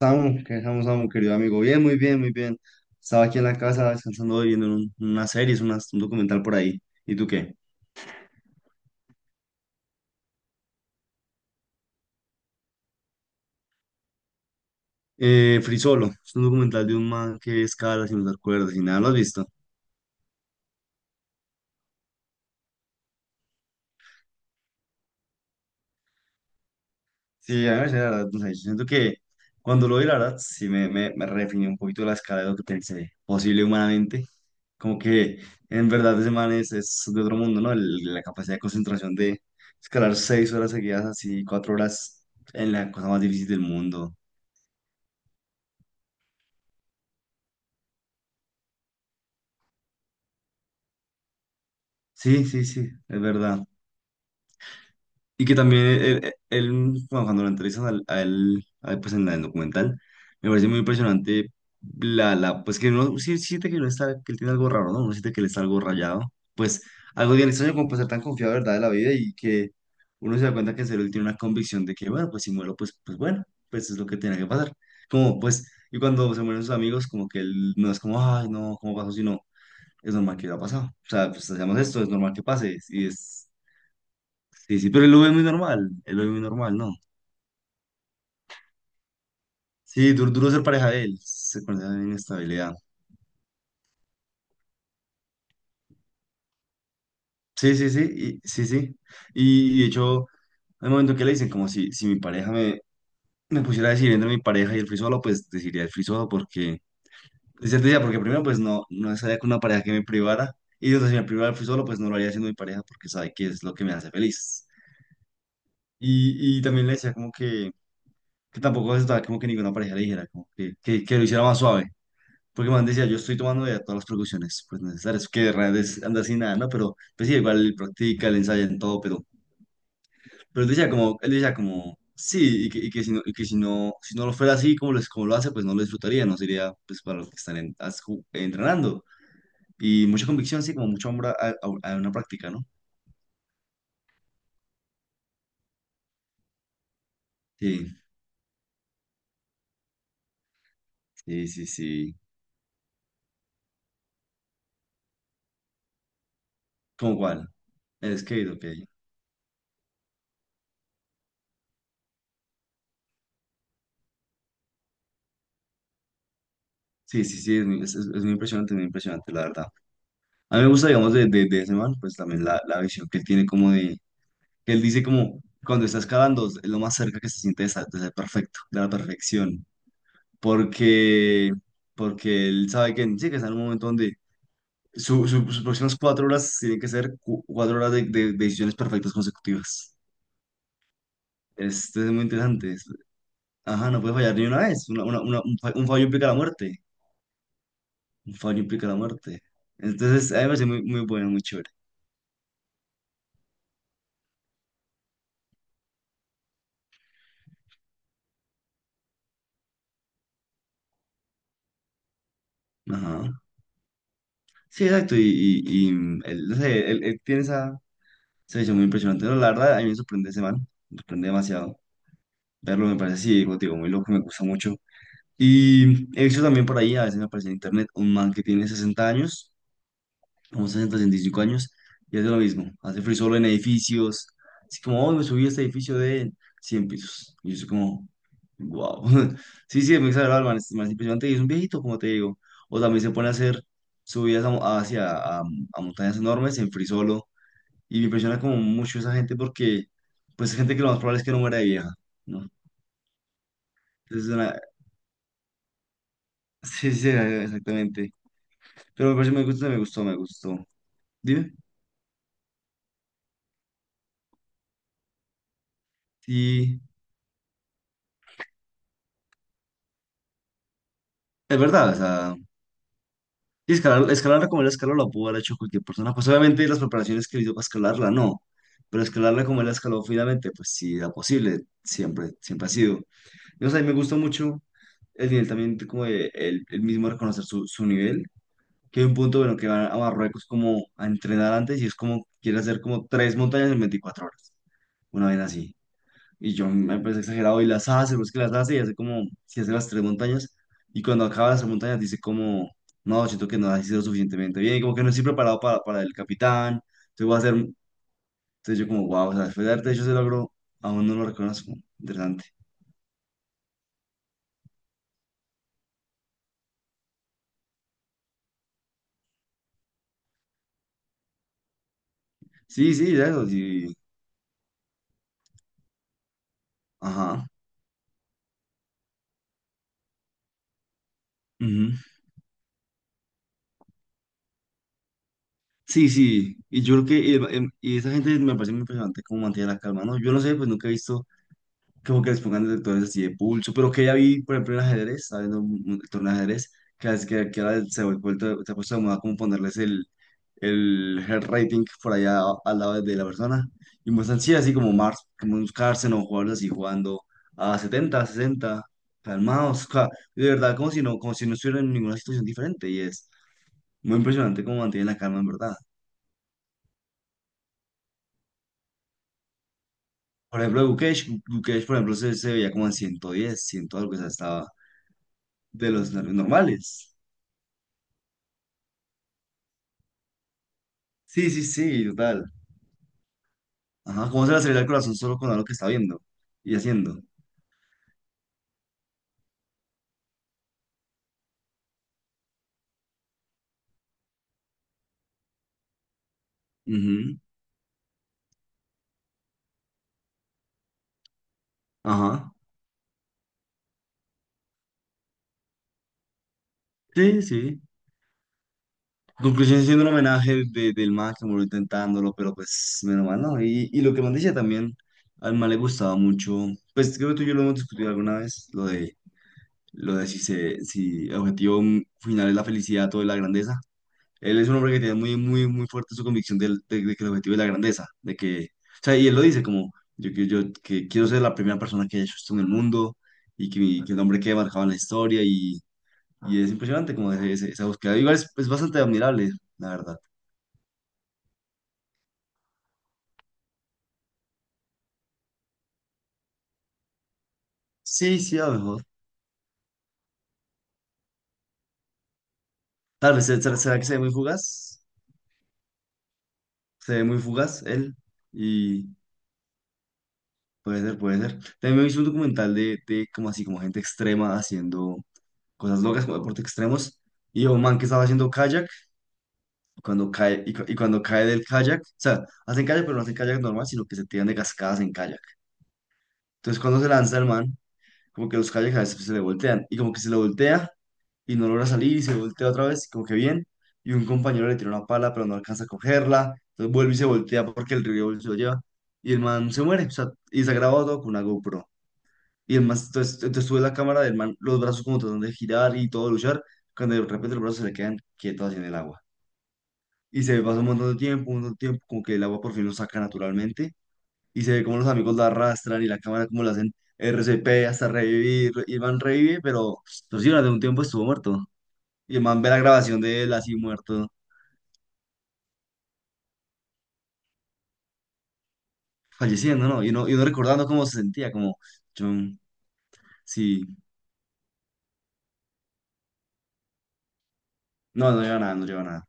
Samu, ¿qué dejamos, Samu, querido amigo? Bien, muy bien, muy bien. Estaba aquí en la casa descansando, hoy, viendo unas series, un documental por ahí. ¿Y tú qué? Free Solo, es un documental de un man que escala sin usar cuerdas y nada, ¿lo has visto? Sí, a mí la verdad, no sé, yo siento que cuando lo vi, la verdad, sí me redefinió un poquito la escala de lo que pensé posible humanamente. Como que en verdad ese man es de otro mundo, ¿no? La capacidad de concentración de escalar 6 horas seguidas, así 4 horas en la cosa más difícil del mundo. Sí, sí, sí, es verdad. Y que también él, bueno, cuando lo entrevistan a él, pues en el documental, me parece muy impresionante la, pues que no, sí siente que no está, que él tiene algo raro, ¿no? Uno siente que él está algo rayado. Pues algo bien extraño como pues, ser tan confiado, ¿verdad? De la vida y que uno se da cuenta que en serio él tiene una convicción de que, bueno, pues si muero, pues bueno, pues es lo que tiene que pasar. Como, pues, y cuando se mueren sus amigos, como que él no es como, ay, no, ¿cómo pasó? Sino, es normal que haya pasado. O sea, pues hacemos esto, es normal que pase. Y es. Sí, sí, pero él lo ve muy normal, él lo ve muy normal, ¿no? Sí, duro, duro ser pareja de él, con esa inestabilidad. Sí, sí, sí, y, sí, sí. Y de hecho, hay momentos que le dicen como si mi pareja me, pusiera a decir entre mi pareja y el free solo, pues decidiría el free solo porque, es cierto, decía, porque primero pues no estaría con una pareja que me privara, y entonces si me privara el free solo, pues no lo haría siendo mi pareja porque sabe que es lo que me hace feliz. Y también le decía como que, tampoco aceptaba como que ninguna pareja le dijera, como que lo hiciera más suave. Porque man decía, yo estoy tomando ya todas las precauciones pues necesarias, que realmente anda sin nada, ¿no? Pero pues sí, igual él practica, él ensaya en todo, pero él decía como, sí, y que si no lo fuera así como, les, como lo hace, pues no lo disfrutaría, no sería pues para lo que están entrenando. Y mucha convicción, sí, como mucho amor a una práctica, ¿no? Sí, sí, sí, sí. ¿Cómo cuál? El skate, ok. Sí, sí, sí, es muy impresionante, la verdad. A mí me gusta, digamos, de ese man, pues también la visión que él tiene como de que él dice como, cuando estás cavando, es lo más cerca que se siente de de ser perfecto, de la perfección, porque, porque él sabe que, sí, que está en un momento donde sus próximas cuatro horas tienen que ser 4 horas de decisiones perfectas consecutivas. Este es muy interesante. Ajá, no puede fallar ni una vez. Un fallo implica la muerte. Un fallo implica la muerte. Entonces, a mí me parece muy, muy bueno, muy chévere. Ajá. Sí, exacto. Él, no sé, él tiene esa. Se me hizo muy impresionante. No, la verdad, a mí me sorprende ese man. Me sorprende demasiado. Verlo me parece así, digo, muy loco, me gusta mucho. Y he visto también por ahí, a veces me aparece en internet, un man que tiene 60 años, como 65 años, y hace lo mismo. Hace free solo en edificios. Así como, hoy me subí a este edificio de 100 pisos. Y yo soy como, wow. Sí, sí, es muy exagerado, el man, el man es impresionante y es un viejito, como te digo. O también se pone a hacer subidas a montañas enormes en free solo y me impresiona como mucho esa gente porque, pues, es gente que lo más probable es que no muera de vieja, ¿no? Entonces, es una. Sí, sí, exactamente. Pero me parece, me gusta, me gustó. Dime. Sí, es verdad, o sea, y escalarla como él escaló la pudo haber hecho cualquier persona. Pues, obviamente, las preparaciones que le hizo para escalarla, no. Pero escalarla como él la escaló finalmente, pues sí, era posible, siempre, siempre ha sido. Y, o sea, y me gustó mucho el nivel también, como de él, él mismo reconocer su nivel que hay un punto bueno que van a Marruecos como a entrenar antes y es como quiere hacer como 3 montañas en 24 horas, una vez así. Y yo me parece exagerado y las hace, pues que las hace y hace como si hace las 3 montañas y cuando acaba las 3 montañas dice como, no, siento que no ha sido suficientemente bien, como que no estoy preparado para el Capitán, entonces yo como, wow, o sea, después de darte hecho ese logro, aún no lo reconozco, interesante. Sí, sí, de eso, sí, ajá. Sí, sí, y yo creo que y esa gente me parece muy impresionante cómo mantiene la calma, ¿no? Yo no sé, pues nunca he visto como que les pongan detectores así de pulso, pero que ya vi, por ejemplo, en ajedrez, estaba viendo un torneo de ajedrez, que ahora se ha puesto de moda como ponerles el heart rating por allá al lado de la persona, y muestran, sí, así como Mars, como un Carlsen o jugadores así jugando a 70 60 calmados, de verdad, como si no estuvieran en ninguna situación diferente, y es muy impresionante cómo mantienen la calma, en verdad. Por ejemplo, Bukesh, por ejemplo, se veía como en 110, 100 algo, o sea, estaba de los normales. Sí, sí, sí, total. Ajá, ¿cómo se le acelera el corazón solo con algo que está viendo y haciendo? Ujú. Ajá. Sí, sí. Conclusión siendo un homenaje del man que murió intentándolo, pero pues menos mal, ¿no? Y lo que más decía también, al man le gustaba mucho, pues creo que tú y yo lo hemos discutido alguna vez, lo de si el objetivo final es la felicidad o la grandeza. Él es un hombre que tiene muy, muy, muy fuerte su convicción de que el objetivo es la grandeza, de que, o sea, y él lo dice como, yo que quiero ser la primera persona que haya hecho esto en el mundo y que el hombre que marcaba en la historia y es impresionante como esa búsqueda. Igual es bastante admirable, la verdad. Sí, sí, a lo mejor. Tal vez, ¿será que se ve muy fugaz? Se ve muy fugaz él y puede ser, puede ser. También me hice un documental de como así, como gente extrema haciendo cosas locas, como deportes extremos. Y un man que estaba haciendo kayak cuando cae, y cuando cae del kayak, o sea, hacen kayak, pero no hacen kayak normal, sino que se tiran de cascadas en kayak. Entonces, cuando se lanza el man, como que los kayaks a veces se le voltean, y como que se le voltea y no logra salir, y se voltea otra vez, como que bien, y un compañero le tira una pala, pero no alcanza a cogerla, entonces vuelve y se voltea porque el río se lo lleva, y el man se muere, o sea, y se ha grabado todo con una GoPro. Y el man, entonces tuve la cámara del man, los brazos como tratando de girar y todo luchar, cuando de repente los brazos se le quedan quietos así en el agua. Y se ve pasa un montón de tiempo, un montón de tiempo, como que el agua por fin lo saca naturalmente y se ve como los amigos la arrastran y la cámara como la hacen RCP hasta revivir y el man revive, pero sí, durante un tiempo estuvo muerto y el man ve la grabación de él así muerto, falleciendo, ¿no? Y uno recordando cómo se sentía, como, yo, sí, no lleva nada, no lleva nada.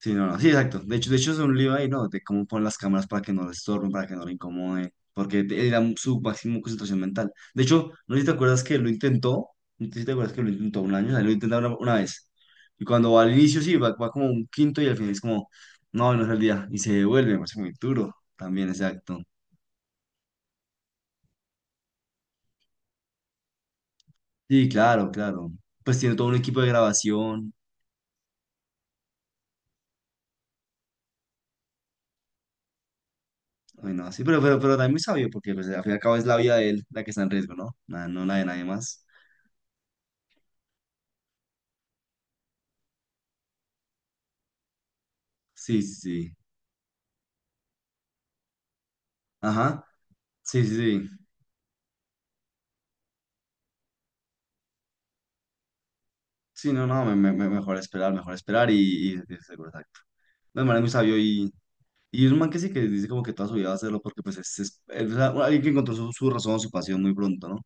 Sí, no, no, sí, exacto. De hecho, es un lío ahí, ¿no? De cómo poner las cámaras para que no le estorben, para que no le incomode, porque era su máximo concentración mental. De hecho, no sé si te acuerdas que lo intentó un año, o sea, lo intentó una vez. Y cuando va al inicio, sí, va como un quinto y al final es como, no, no es el día. Y se devuelve, me parece muy duro. También, exacto. Sí, claro, claro. Pues tiene todo un equipo de grabación. Bueno, sí, pero también muy sabio, porque pues, al fin y al cabo es la vida de él la que está en riesgo, ¿no? Nada, no la de nadie más. Sí, sí. Sí. Ajá. Sí, sí, sí. Sí, no, no, mejor esperar y seguro, exacto. No, el man es muy sabio y es un man que sí que dice como que toda su vida va a hacerlo porque pues o sea, bueno, alguien que encontró su razón, su pasión muy pronto, ¿no?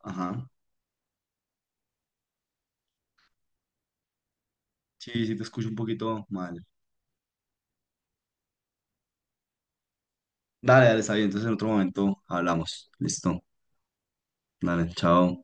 Ajá. Sí, sí, te escucho un poquito mal. Dale, dale, está bien. Entonces en otro momento hablamos. Listo. Dale, chao.